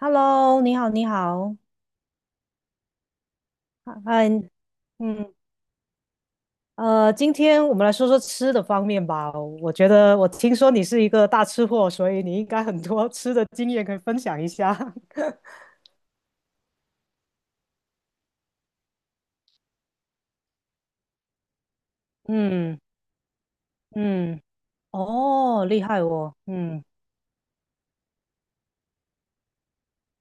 Hello，你好，你好，嗨，哎，嗯，今天我们来说说吃的方面吧。我觉得听说你是一个大吃货，所以你应该很多吃的经验可以分享一下。嗯嗯，哦，厉害哦，嗯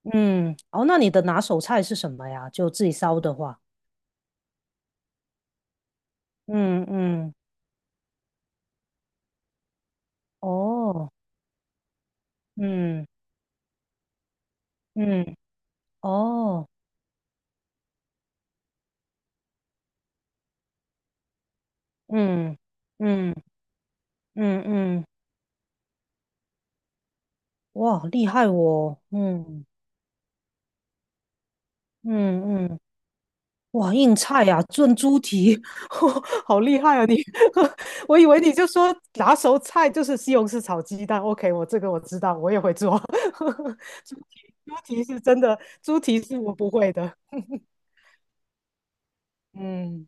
嗯，哦，那你的拿手菜是什么呀？就自己烧的话，嗯嗯，哦，嗯嗯，哦，嗯嗯嗯嗯，嗯哇，厉害哦，嗯嗯嗯。哇，硬菜呀、炖猪蹄，好厉害啊你！我以为你就说拿手菜就是西红柿炒鸡蛋。OK,我这个我知道，我也会做。猪蹄，猪蹄是真的，猪蹄是我不会的。嗯，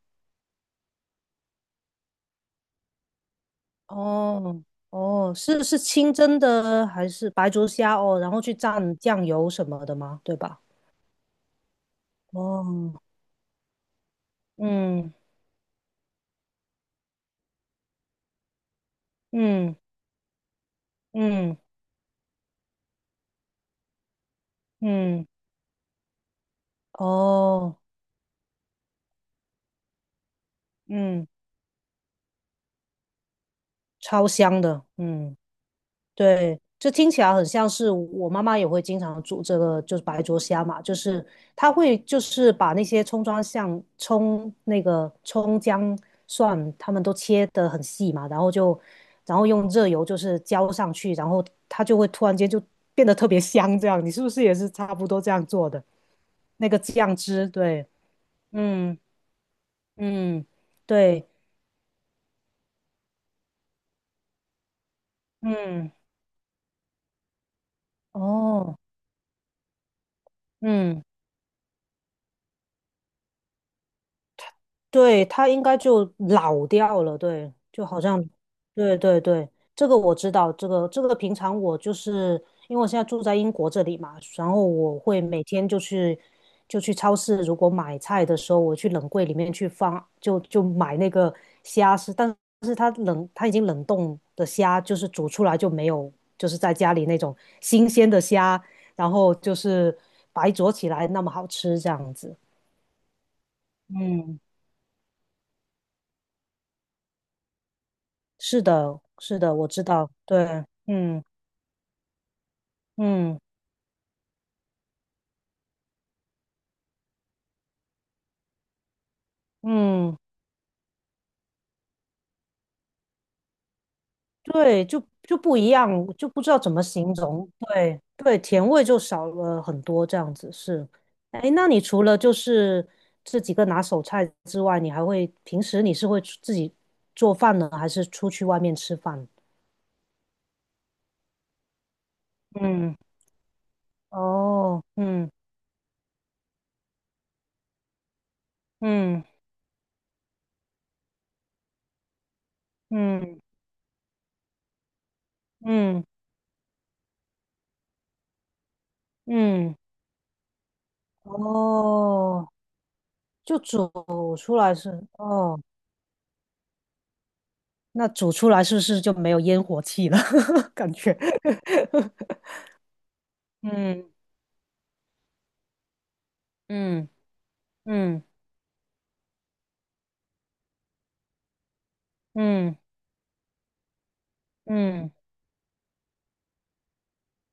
哦，哦，是是清蒸的还是白灼虾哦？然后去蘸酱油什么的吗？对吧？哦，嗯嗯嗯嗯，哦，嗯，超香的，嗯。对，这听起来很像是我妈妈也会经常煮这个，就是白灼虾嘛，就是她会就是把那些葱像葱那个葱姜蒜，他们都切得很细嘛，然后就然后用热油就是浇上去，然后它就会突然间就变得特别香，这样你是不是也是差不多这样做的？那个酱汁，对，嗯嗯，对，嗯，哦，嗯。对，它应该就老掉了，对，就好像，对，这个我知道，这个平常我就是因为我现在住在英国这里嘛，然后我会每天就去去超市，如果买菜的时候，我去冷柜里面去放，就买那个虾是，但是它冷它已经冷冻的虾，就是煮出来就没有，就是在家里那种新鲜的虾，然后就是白灼起来那么好吃这样子，嗯，是的，是的，我知道，对，嗯嗯嗯，对，就不一样，就不知道怎么形容，对对，甜味就少了很多，这样子是。哎，那你除了就是这几个拿手菜之外，你还会平时你是会出自己做饭呢，还是出去外面吃饭？嗯，哦，嗯嗯嗯嗯嗯，哦，就煮出来是，哦。那煮出来是不是就没有烟火气了？感觉，嗯嗯嗯嗯嗯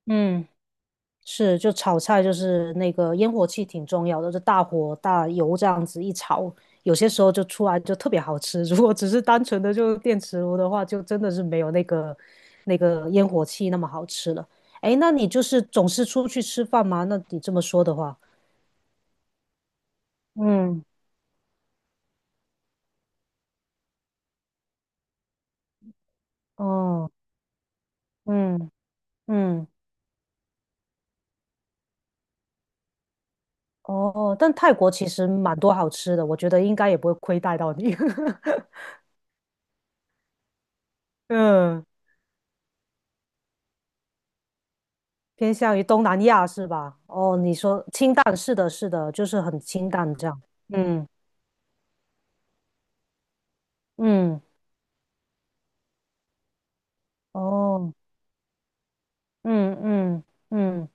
嗯，是，就炒菜就是那个烟火气挺重要的，就大火大油这样子一炒，有些时候就出来就特别好吃。如果只是单纯的就电磁炉的话，就真的是没有那个烟火气那么好吃了。哎，那你就是总是出去吃饭吗？那你这么说的话，嗯，哦，嗯嗯。哦，但泰国其实蛮多好吃的，我觉得应该也不会亏待到你。嗯，偏向于东南亚是吧？哦，你说清淡，是的，是的，就是很清淡这样。嗯嗯，哦，嗯嗯嗯，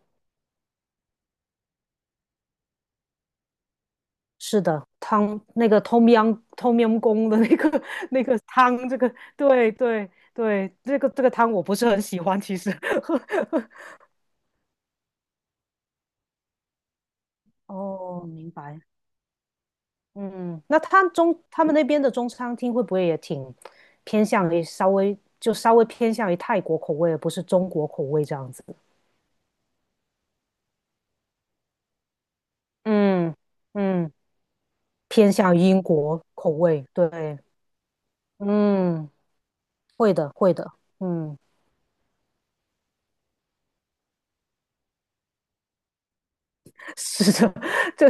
是的，汤那个 tom yum tom yum 公的那个 那个汤，这个对对，对，这个汤我不是很喜欢，其实。哦，明白。嗯，那他中他们那边的中餐厅会不会也挺偏向于稍微就稍微偏向于泰国口味，而不是中国口味这样子？嗯嗯，偏向于英国口味，对，嗯，会的会的，嗯，是的，这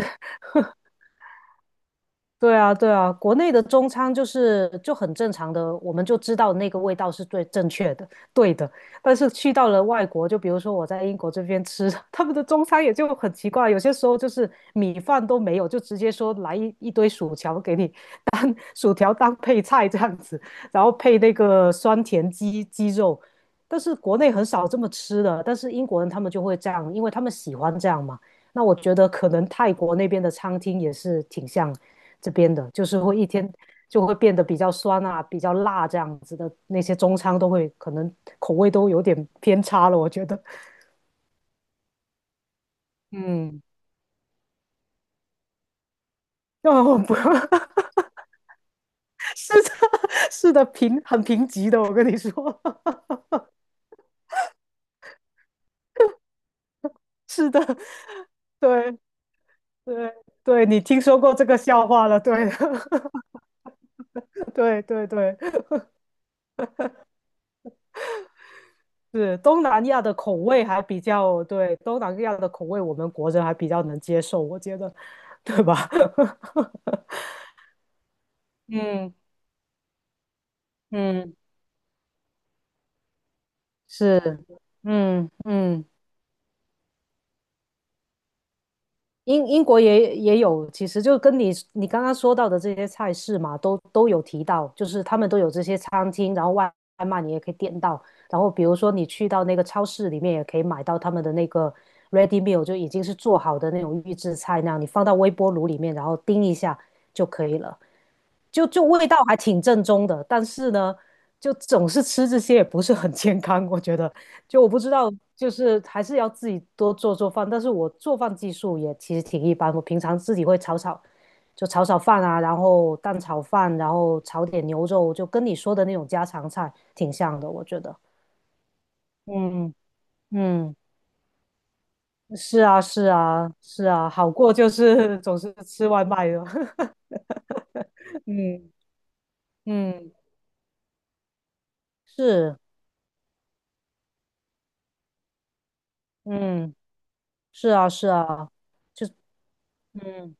对啊，对啊，国内的中餐就是就很正常的，我们就知道那个味道是最正确的，对的。但是去到了外国，就比如说我在英国这边吃，他们的中餐也就很奇怪，有些时候就是米饭都没有，就直接说来一堆薯条给你，薯条当配菜这样子，然后配那个酸甜鸡肉。但是国内很少这么吃的，但是英国人他们就会这样，因为他们喜欢这样嘛。那我觉得可能泰国那边的餐厅也是挺像这边的，就是会一天就会变得比较酸啊、比较辣这样子的，那些中餐都会可能口味都有点偏差了，我觉得。嗯，哦，不，是的，是的，贫很贫瘠的，我跟你说。是的，对对对，你听说过这个笑话了？对的 对对对，是东南亚的口味还比较，对，东南亚的口味我们国人还比较能接受，我觉得，对吧？嗯嗯，是，嗯嗯。英英国也有，其实就跟你刚刚说到的这些菜式嘛，都有提到，就是他们都有这些餐厅，然后外外卖你也可以点到，然后比如说你去到那个超市里面也可以买到他们的那个 ready meal,就已经是做好的那种预制菜那样，你放到微波炉里面，然后叮一下就可以了。就味道还挺正宗的，但是呢，就总是吃这些也不是很健康，我觉得。就我不知道，就是还是要自己多做做饭，但是我做饭技术也其实挺一般，我平常自己会炒炒，就炒炒饭啊，然后蛋炒饭，然后炒点牛肉，就跟你说的那种家常菜挺像的，我觉得。嗯嗯，是啊是啊是啊，好过就是总是吃外卖了。嗯嗯，是嗯。是啊，是啊，嗯，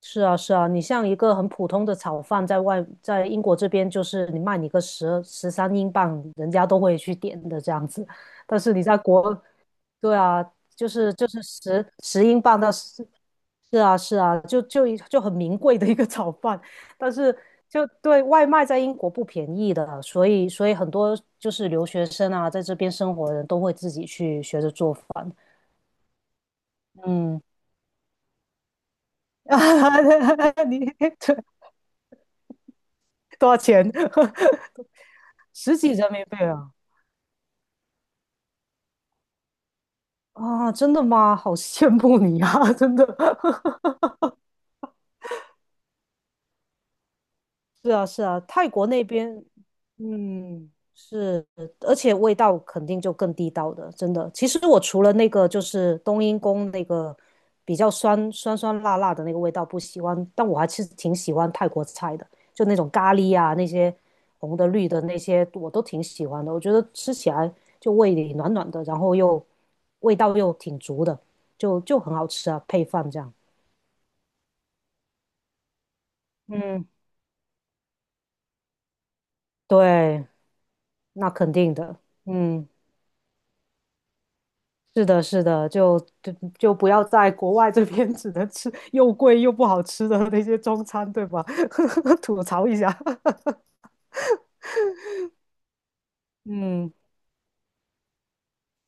是啊，是啊，你像一个很普通的炒饭，在外，在英国这边，就是你卖你个十三英镑，人家都会去点的这样子。但是你在国，对啊，就是就是十英镑到十，是啊是啊，就一就很名贵的一个炒饭。但是就对外卖在英国不便宜的，所以很多就是留学生啊，在这边生活的人都会自己去学着做饭。嗯，你对多少钱？十几人民币啊！啊，真的吗？好羡慕你啊，真的。是啊，是啊，泰国那边，嗯，是，而且味道肯定就更地道的，真的。其实我除了那个就是冬阴功那个比较酸辣辣的那个味道不喜欢，但我还是挺喜欢泰国菜的，就那种咖喱啊，那些红的绿的那些我都挺喜欢的。我觉得吃起来就胃里暖暖的，然后又味道又挺足的，就很好吃啊，配饭这样。嗯，对，那肯定的，嗯。是的，是的，就不要在国外这边 只能吃又贵又不好吃的那些中餐，对吧？吐槽一下。嗯，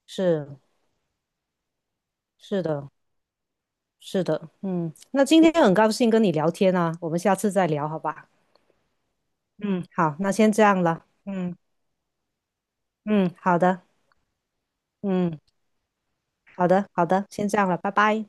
是是的，是的，嗯，那今天很高兴跟你聊天啊，我们下次再聊，好吧？嗯，好，那先这样了。嗯嗯，好的，嗯，好的，好的，先这样了，拜拜。